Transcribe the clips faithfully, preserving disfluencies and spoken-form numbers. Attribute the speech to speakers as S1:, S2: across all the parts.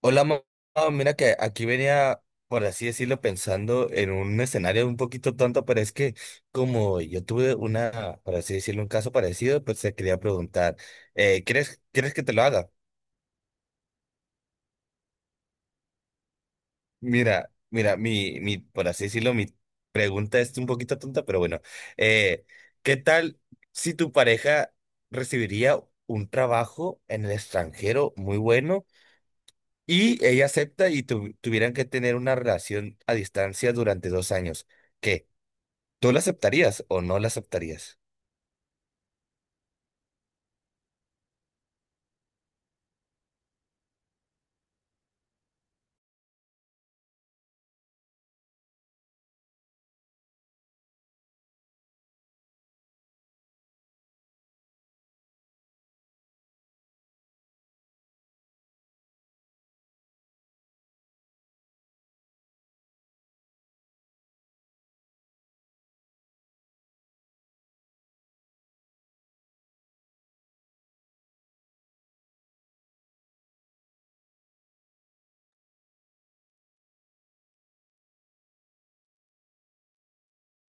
S1: Hola, mamá. Mira que aquí venía, por así decirlo, pensando en un escenario un poquito tonto, pero es que como yo tuve una, por así decirlo, un caso parecido, pues te quería preguntar, eh, ¿quieres, quieres que te lo haga? Mira, mira, mi, mi, por así decirlo, mi pregunta es un poquito tonta, pero bueno, eh, ¿qué tal si tu pareja recibiría un trabajo en el extranjero muy bueno? Y ella acepta y tu- tuvieran que tener una relación a distancia durante dos años. ¿Qué? ¿Tú la aceptarías o no la aceptarías?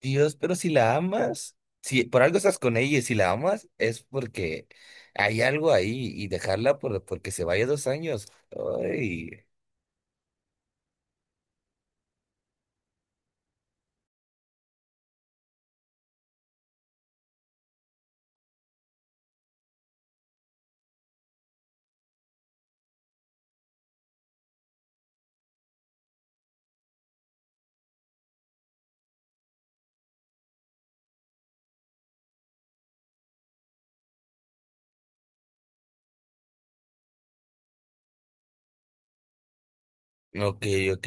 S1: Dios, pero si la amas, si por algo estás con ella y si la amas, es porque hay algo ahí y dejarla por, porque se vaya dos años. Ay, ok, ok.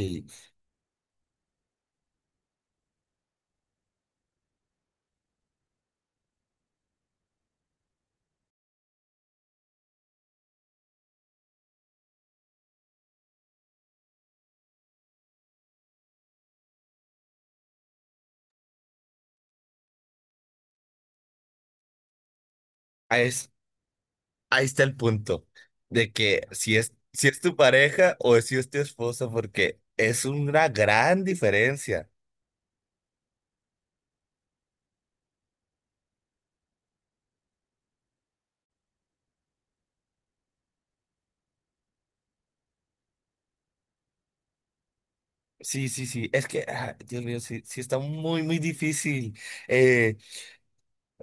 S1: Ahí, es- Ahí está el punto de que si es, si es tu pareja o si es tu esposa, porque es una gran diferencia. Sí, sí, sí. Es que, ah, Dios mío, sí, sí está muy, muy difícil. Eh,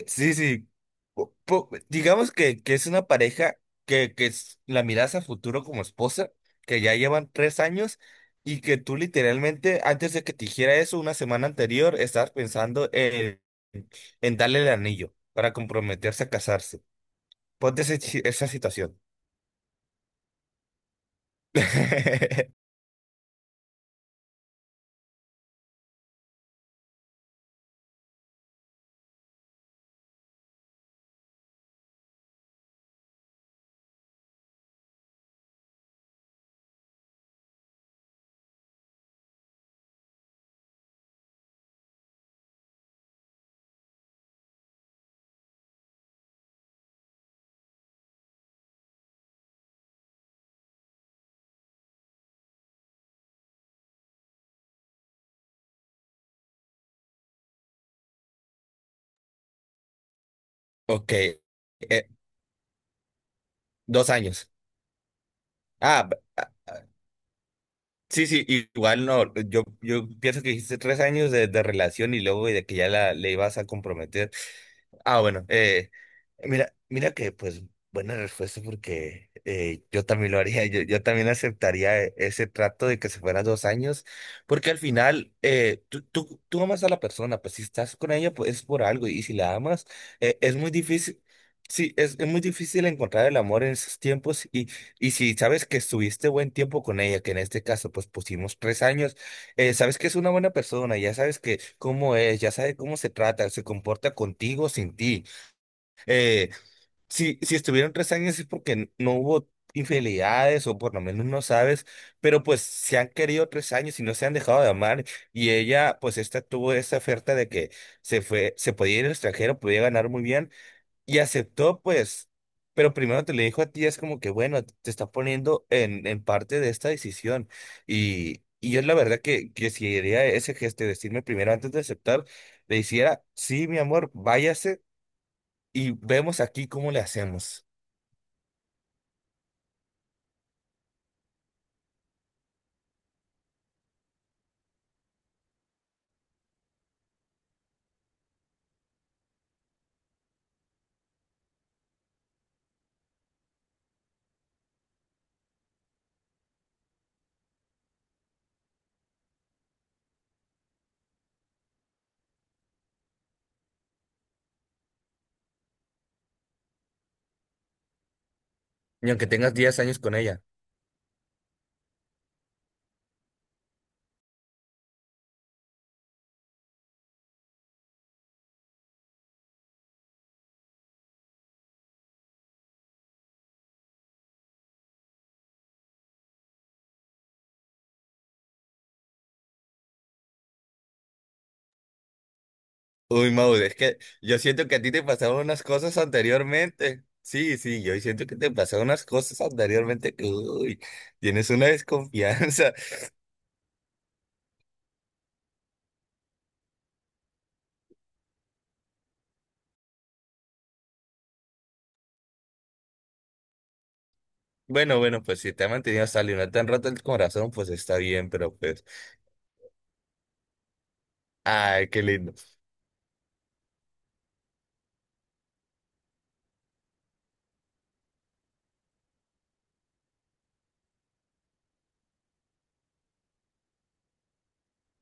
S1: sí, sí. Po- po- digamos que, que es una pareja que, que es- la miras a futuro como esposa, que ya llevan tres años y que tú literalmente, antes de que te dijera eso, una semana anterior, estabas pensando en, en darle el anillo para comprometerse a casarse. Ponte ese chi- esa situación. Ok. eh, dos años. Ah. Sí, sí, igual no, yo, yo pienso que dijiste tres años de, de relación y luego de que ya la, le ibas a comprometer. Ah, bueno, eh, mira, mira que pues buena respuesta porque eh, yo también lo haría, yo, yo también aceptaría e- ese trato de que se fueran dos años, porque al final eh, tú, tú, tú amas a la persona, pues si estás con ella pues es por algo y si la amas eh, es muy difícil, sí, es, es muy difícil encontrar el amor en esos tiempos y, y si sabes que estuviste buen tiempo con ella, que en este caso pues pusimos tres años, eh, sabes que es una buena persona, ya sabes que cómo es, ya sabes cómo se trata, se comporta contigo, sin ti. Eh, si, si estuvieron tres años es porque no hubo infidelidades o por lo menos no sabes, pero pues se han querido tres años y no se han dejado de amar y ella pues esta tuvo esa oferta de que se fue, se podía ir al extranjero, podía ganar muy bien y aceptó, pues, pero primero te le dijo a ti, es como que, bueno, te está poniendo en, en parte de esta decisión. Y, y yo la verdad que, que si haría ese gesto, de decirme primero antes de aceptar, le hiciera, sí, mi amor, váyase y vemos aquí cómo le hacemos. Y aunque tengas diez años con ella. Uy, Maud, es que yo siento que a ti te pasaron unas cosas anteriormente. Sí, sí, yo siento que te pasaron unas cosas anteriormente que, uy, tienes una desconfianza. Bueno, bueno, pues si te ha mantenido hasta no tan rato el corazón, pues está bien, pero pues, ay, qué lindo.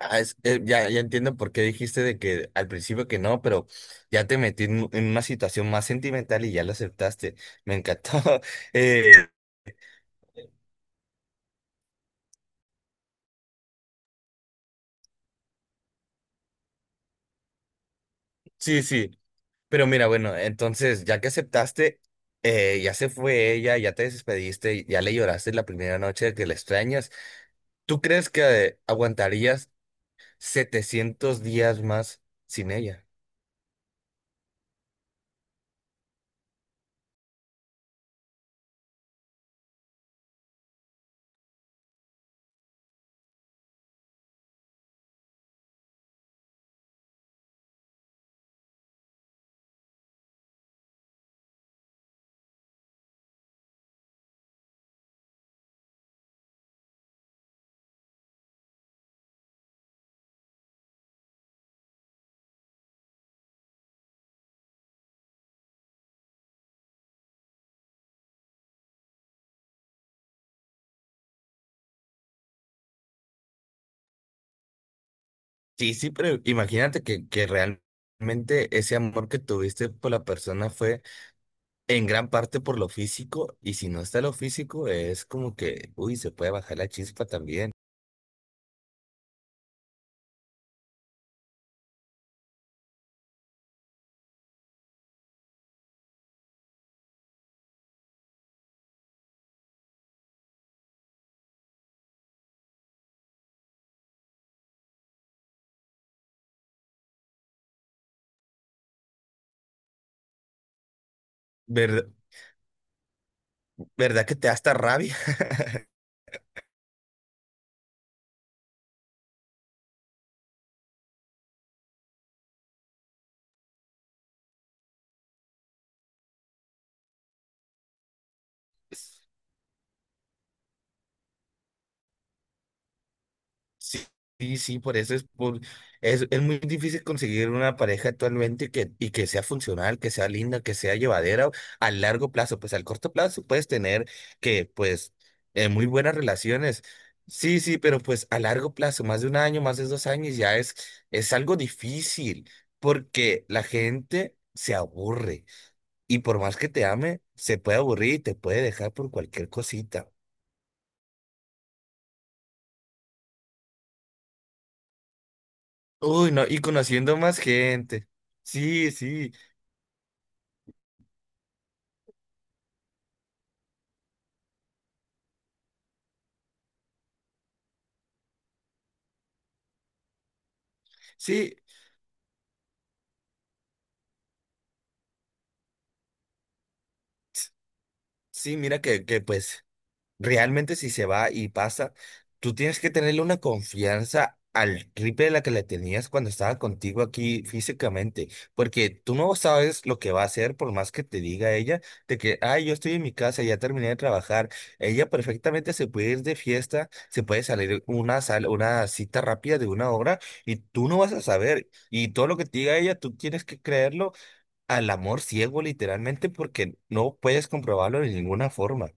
S1: Ah, es- eh, ya, ya entiendo por qué dijiste de que al principio que no, pero ya te metí en, en una situación más sentimental y ya lo aceptaste. Me encantó. Eh, sí, sí, pero mira, bueno, entonces ya que aceptaste, eh, ya se fue ella, ya te despediste, ya le lloraste la primera noche de que la extrañas. ¿Tú crees que eh, aguantarías setecientos días más sin ella? Sí, sí, pero imagínate que, que realmente ese amor que tuviste por la persona fue en gran parte por lo físico, y si no está lo físico, es como que, uy, se puede bajar la chispa también. ¿Verdad, verdad que te da hasta rabia? Sí, sí, sí, por eso es, por- es, es muy difícil conseguir una pareja actualmente que, y que sea funcional, que sea linda, que sea llevadera a largo plazo. Pues al corto plazo puedes tener que, pues, eh, muy buenas relaciones. Sí, sí, pero pues a largo plazo, más de un año, más de dos años, ya es, es algo difícil porque la gente se aburre y por más que te ame, se puede aburrir y te puede dejar por cualquier cosita. Uy, no, y conociendo más gente. Sí, sí. Sí, sí, mira que, que pues realmente si se va y pasa, tú tienes que tenerle una confianza al triple de la que le tenías cuando estaba contigo aquí físicamente, porque tú no sabes lo que va a hacer por más que te diga ella de que, ay, yo estoy en mi casa, ya terminé de trabajar. Ella perfectamente se puede ir de fiesta, se puede salir una sal, una cita rápida de una hora y tú no vas a saber. Y todo lo que te diga ella, tú tienes que creerlo al amor ciego literalmente porque no puedes comprobarlo de ninguna forma.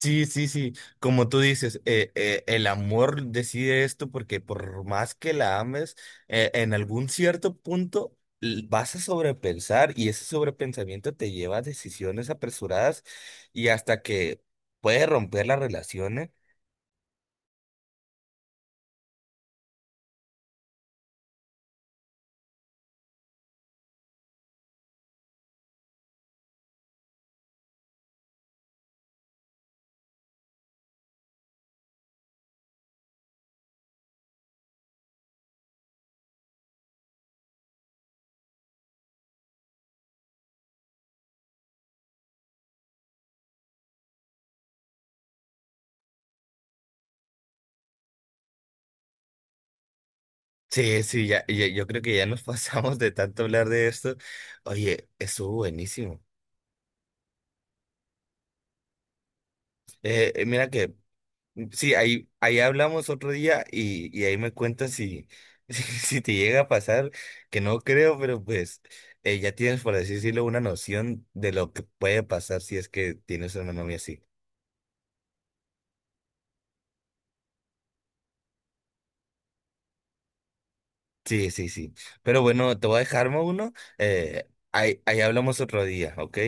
S1: Sí, sí, sí, como tú dices, eh, eh, el amor decide esto porque por más que la ames, eh, en algún cierto punto l- vas a sobrepensar y ese sobrepensamiento te lleva a decisiones apresuradas y hasta que puede romper las relaciones. Sí, sí, ya, ya- yo creo que ya nos pasamos de tanto hablar de esto. Oye, estuvo buenísimo. Eh, eh, mira que Mm, sí, ahí, ahí hablamos otro día y, y ahí me cuentas si, si, si te llega a pasar, que no creo, pero pues eh, ya tienes, por así decirlo, una noción de lo que puede pasar si es que tienes una novia así. Sí, sí, sí. Pero bueno, te voy a dejar uno. Eh, ahí, ahí hablamos otro día, ¿ok?